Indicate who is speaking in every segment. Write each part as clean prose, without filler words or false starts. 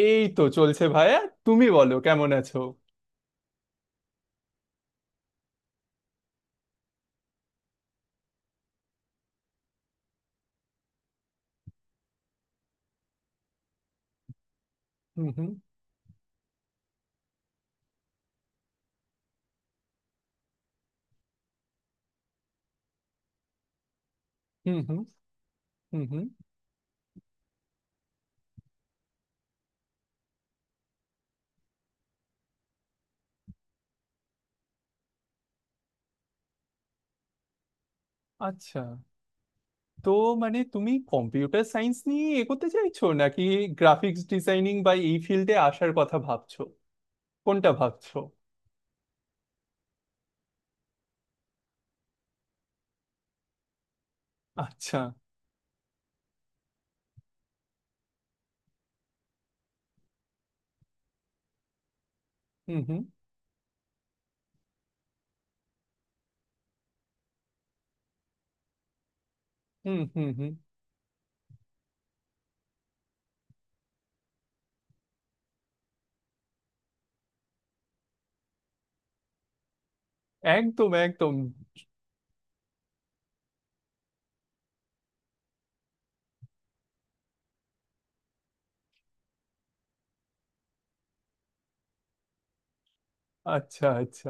Speaker 1: এই তো চলছে ভাইয়া। তুমি বলো কেমন আছো। হুম হুম হুম হুম হুম হুম। আচ্ছা, তো মানে তুমি কম্পিউটার সায়েন্স নিয়ে এগোতে চাইছো নাকি গ্রাফিক্স ডিজাইনিং বা এই ফিল্ডে আসার কথা ভাবছো, কোনটা ভাবছো? আচ্ছা। হুম হুম হুম হুম হুম। একদম একদম। আচ্ছা আচ্ছা,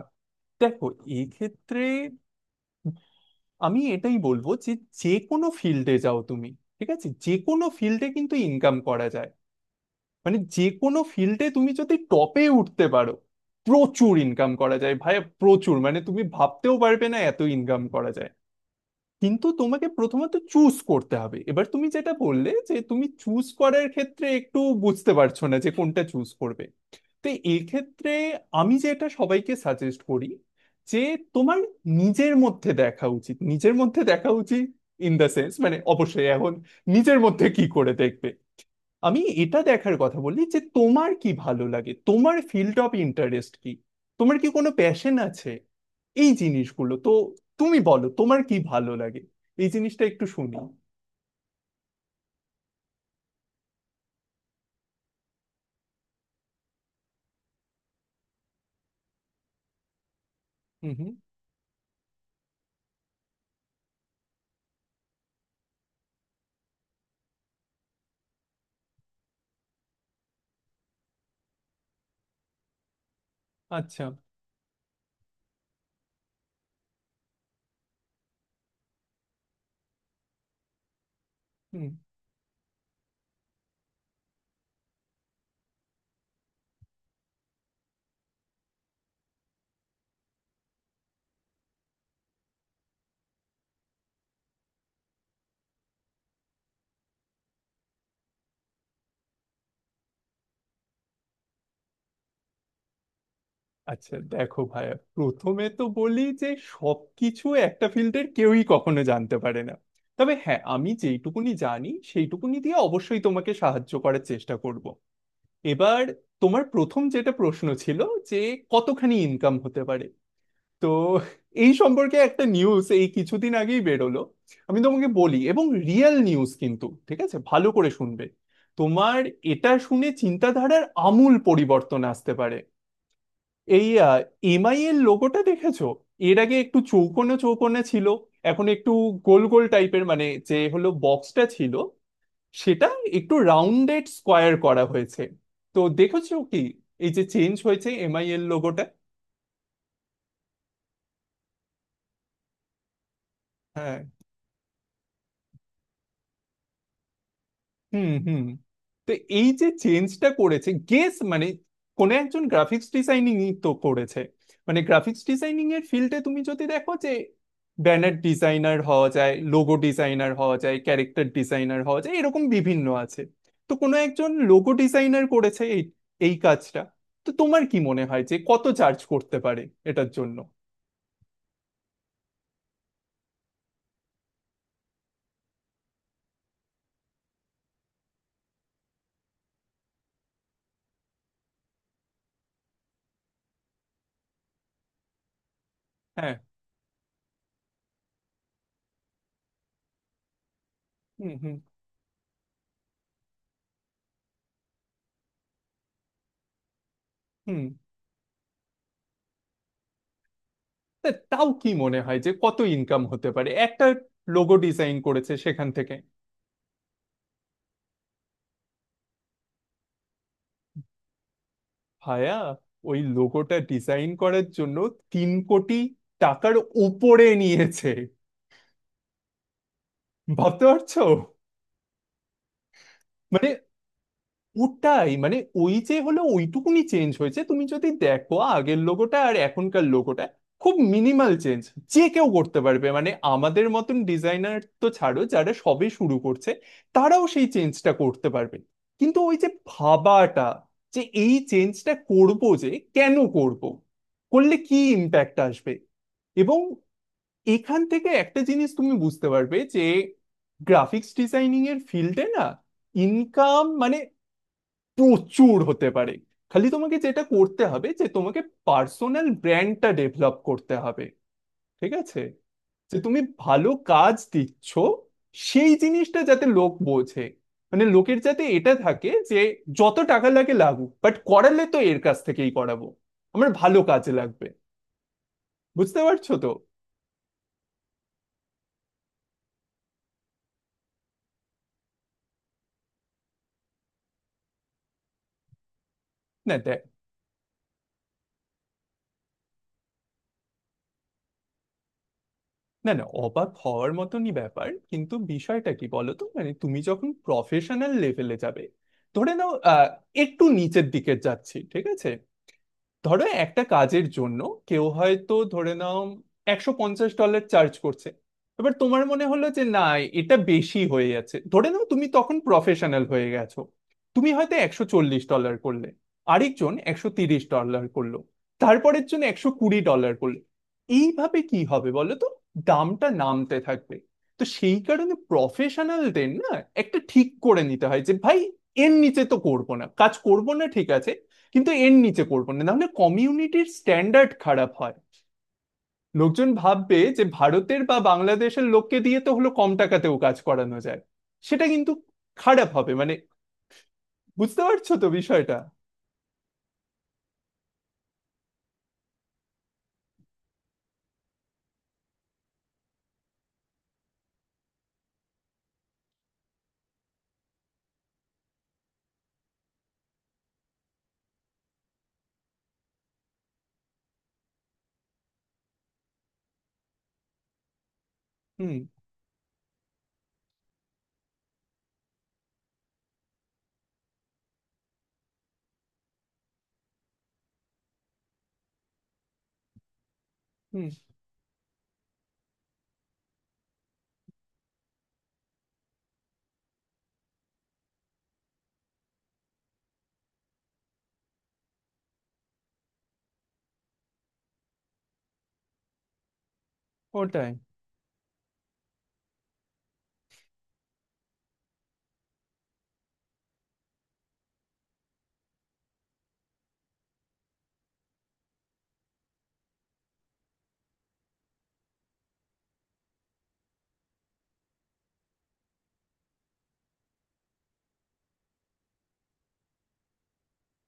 Speaker 1: দেখো, এক্ষেত্রে আমি এটাই বলবো যে যে কোনো ফিল্ডে যাও তুমি, ঠিক আছে, যে কোনো ফিল্ডে কিন্তু ইনকাম করা যায়। মানে যে কোনো ফিল্ডে তুমি যদি টপে উঠতে পারো, প্রচুর ইনকাম করা যায় ভাই, প্রচুর, মানে তুমি ভাবতেও পারবে না এত ইনকাম করা যায়। কিন্তু তোমাকে প্রথমত চুজ করতে হবে। এবার তুমি যেটা বললে যে তুমি চুজ করার ক্ষেত্রে একটু বুঝতে পারছো না যে কোনটা চুজ করবে। তো এক্ষেত্রে আমি যেটা সবাইকে সাজেস্ট করি, যে তোমার নিজের মধ্যে দেখা উচিত, নিজের মধ্যে দেখা উচিত। ইন দ্য সেন্স মানে অবশ্যই এখন নিজের মধ্যে কি করে দেখবে, আমি এটা দেখার কথা বলি যে তোমার কি ভালো লাগে, তোমার ফিল্ড অফ ইন্টারেস্ট কি, তোমার কি কোনো প্যাশন আছে। এই জিনিসগুলো তো তুমি বলো, তোমার কি ভালো লাগে, এই জিনিসটা একটু শুনি। হুম হুম। আচ্ছা। হুম। আচ্ছা দেখো ভাইয়া, প্রথমে তো বলি যে সবকিছু একটা ফিল্ডের কেউই কখনো জানতে পারে না, তবে হ্যাঁ, আমি যেইটুকুনি জানি সেইটুকুনি দিয়ে অবশ্যই তোমাকে সাহায্য করার চেষ্টা করব। এবার তোমার প্রথম যেটা প্রশ্ন ছিল, যে কতখানি ইনকাম হতে পারে, তো এই সম্পর্কে একটা নিউজ এই কিছুদিন আগেই বেরোলো, আমি তোমাকে বলি, এবং রিয়েল নিউজ কিন্তু, ঠিক আছে, ভালো করে শুনবে। তোমার এটা শুনে চিন্তাধারার আমূল পরিবর্তন আসতে পারে। এই এমআই এর লোগোটা দেখেছো, এর আগে একটু চৌকোনে চৌকোনে ছিল, এখন একটু গোল গোল টাইপের, মানে যে হলো বক্সটা ছিল সেটা একটু রাউন্ডেড স্কোয়ার করা হয়েছে। তো দেখেছো কি, এই যে চেঞ্জ হয়েছে এমআই এর লোগোটা। হ্যাঁ। হুম হুম। তো এই যে চেঞ্জটা করেছে, গেস মানে কোন একজন গ্রাফিক্স ডিজাইনিং তো করেছে। মানে গ্রাফিক্স ডিজাইনিং এর ফিল্ডে তুমি যদি দেখো যে ব্যানার ডিজাইনার হওয়া যায়, লোগো ডিজাইনার হওয়া যায়, ক্যারেক্টার ডিজাইনার হওয়া যায়, এরকম বিভিন্ন আছে। তো কোনো একজন লোগো ডিজাইনার করেছে এই এই কাজটা। তো তোমার কি মনে হয় যে কত চার্জ করতে পারে এটার জন্য? হ্যাঁ। হুম হুম হুম। তা তাও কি মনে হয় যে কত ইনকাম হতে পারে একটা লোগো ডিজাইন করেছে সেখান থেকে? ভায়া, ওই লোগোটা ডিজাইন করার জন্য 3 কোটি টাকার উপরে নিয়েছে। ভাবতে পারছো? মানে ওটাই, মানে ওই যে হলো ওইটুকুনি চেঞ্জ হয়েছে, তুমি যদি দেখো আগের লোগোটা আর এখনকার লোগোটা, খুব মিনিমাল চেঞ্জ, যে কেউ করতে পারবে, মানে আমাদের মতন ডিজাইনার তো ছাড়ো, যারা সবে শুরু করছে তারাও সেই চেঞ্জটা করতে পারবে। কিন্তু ওই যে ভাবাটা যে এই চেঞ্জটা করবো, যে কেন করব, করলে কি ইম্প্যাক্ট আসবে, এবং এখান থেকে একটা জিনিস তুমি বুঝতে পারবে যে গ্রাফিক্স ডিজাইনিং এর ফিল্ডে না, ইনকাম মানে প্রচুর হতে পারে। খালি তোমাকে যেটা করতে হবে যে তোমাকে পার্সোনাল ব্র্যান্ডটা ডেভেলপ করতে হবে, ঠিক আছে, যে তুমি ভালো কাজ দিচ্ছ সেই জিনিসটা যাতে লোক বোঝে। মানে লোকের যাতে এটা থাকে যে যত টাকা লাগে লাগুক, বাট করালে তো এর কাছ থেকেই করাবো, আমার ভালো কাজে লাগবে। বুঝতে পারছো তো। না না না, অবাক হওয়ার মতনই ব্যাপার, কিন্তু বিষয়টা কি বলতো, মানে তুমি যখন প্রফেশনাল লেভেলে যাবে, ধরে নাও একটু নিচের দিকে যাচ্ছি, ঠিক আছে, ধরো একটা কাজের জন্য কেউ হয়তো, ধরে নাও, 150 ডলার চার্জ করছে, এবার তোমার মনে হলো যে না, এটা বেশি হয়ে যাচ্ছে, ধরে নাও তুমি তখন প্রফেশনাল হয়ে গেছো, তুমি হয়তো 140 ডলার করলে, আরেকজন 130 ডলার করলো, তারপরের জন্য 120 ডলার করলো, এইভাবে কি হবে বলো তো, দামটা নামতে থাকবে। তো সেই কারণে প্রফেশনালদের না, একটা ঠিক করে নিতে হয় যে ভাই, এর নিচে তো করবো না, কাজ করবো না, ঠিক আছে, কিন্তু এর নিচে করবো না, নাহলে কমিউনিটির স্ট্যান্ডার্ড খারাপ হয়, লোকজন ভাববে যে ভারতের বা বাংলাদেশের লোককে দিয়ে তো হলো কম টাকাতেও কাজ করানো যায়, সেটা কিন্তু খারাপ হবে, মানে বুঝতে পারছো তো বিষয়টা। হুম হুম। ওটাই।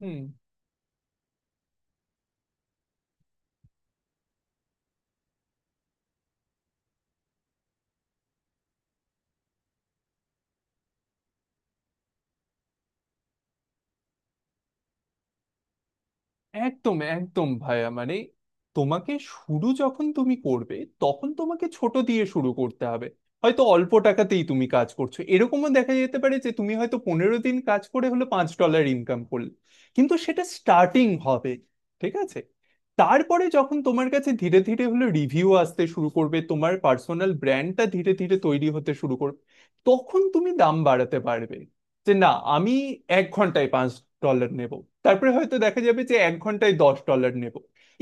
Speaker 1: হুম। একদম একদম ভাইয়া, মানে তোমাকে শুরু যখন তুমি করবে তখন তোমাকে ছোট দিয়ে শুরু করতে হবে, হয়তো অল্প টাকাতেই তুমি কাজ করছো, এরকমও দেখা যেতে পারে যে তুমি হয়তো 15 দিন কাজ করে হলো 5 ডলার ইনকাম করলে, কিন্তু সেটা স্টার্টিং হবে, ঠিক আছে। তারপরে যখন তোমার কাছে ধীরে ধীরে হলো রিভিউ আসতে শুরু করবে, তোমার পার্সোনাল ব্র্যান্ডটা ধীরে ধীরে তৈরি হতে শুরু করবে, তখন তুমি দাম বাড়াতে পারবে, যে না, আমি 1 ঘন্টায় 5 ডলার নেব, তারপরে হয়তো দেখা যাবে যে 1 ঘন্টায় 10 ডলার নেব,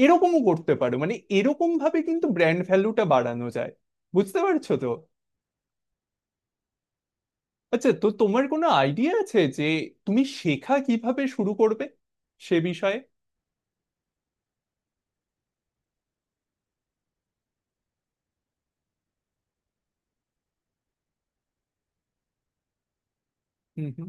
Speaker 1: এরকমও করতে পারো, মানে এরকম ভাবে কিন্তু ব্র্যান্ড ভ্যালুটা বাড়ানো যায়, বুঝতে পারছো তো। আচ্ছা, তো তোমার কোনো আইডিয়া আছে যে তুমি শেখা কিভাবে শুরু করবে সে বিষয়ে? হুম হুম।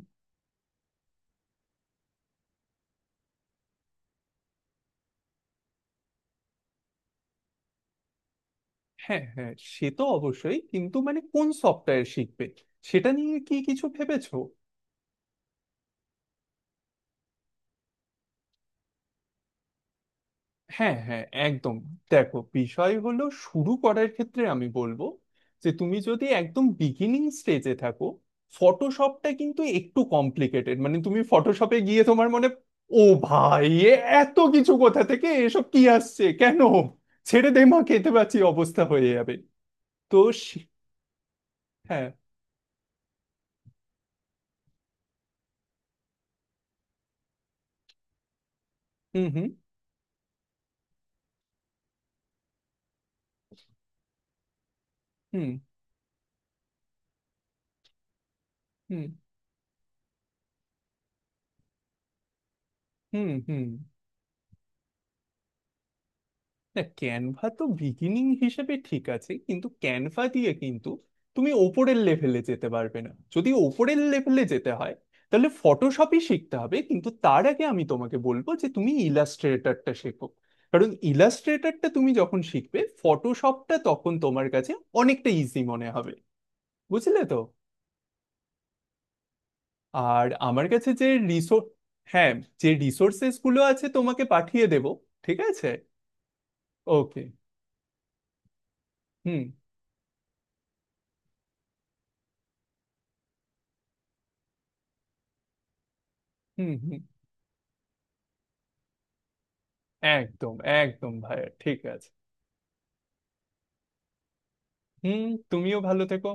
Speaker 1: হ্যাঁ হ্যাঁ, সে তো অবশ্যই, কিন্তু মানে কোন সফটওয়্যার শিখবে সেটা নিয়ে কি কিছু ভেবেছো? হ্যাঁ হ্যাঁ, একদম। দেখো, বিষয় হলো শুরু করার ক্ষেত্রে আমি বলবো যে তুমি যদি একদম বিগিনিং স্টেজে থাকো, ফটোশপটা কিন্তু একটু কমপ্লিকেটেড, মানে তুমি ফটোশপে গিয়ে তোমার মনে, ও ভাই এ এত কিছু কোথা থেকে, এসব কি আসছে কেন, ছেড়ে দে মা খেতে পাচ্ছি অবস্থা হয়ে যাবে। তো সে- হ্যাঁ। হুম হুম হুম হুম হুম হুম। না, ক্যানভা তো বিগিনিং হিসেবে ঠিক আছে, কিন্তু ক্যানভা দিয়ে কিন্তু তুমি ওপরের লেভেলে যেতে পারবে না। যদি ওপরের লেভেলে যেতে হয় তাহলে ফটোশপই শিখতে হবে, কিন্তু তার আগে আমি তোমাকে বলবো যে তুমি ইলাস্ট্রেটরটা শেখো, কারণ ইলাস্ট্রেটরটা তুমি যখন শিখবে ফটোশপটা তখন তোমার কাছে অনেকটা ইজি মনে হবে, বুঝলে তো। আর আমার কাছে যে রিসোর্স, হ্যাঁ, যে রিসোর্সেস গুলো আছে তোমাকে পাঠিয়ে দেবো, ঠিক আছে। ওকে। হুম হুম হুম। একদম একদম ভাইয়া, ঠিক আছে। হুম। তুমিও ভালো থেকো।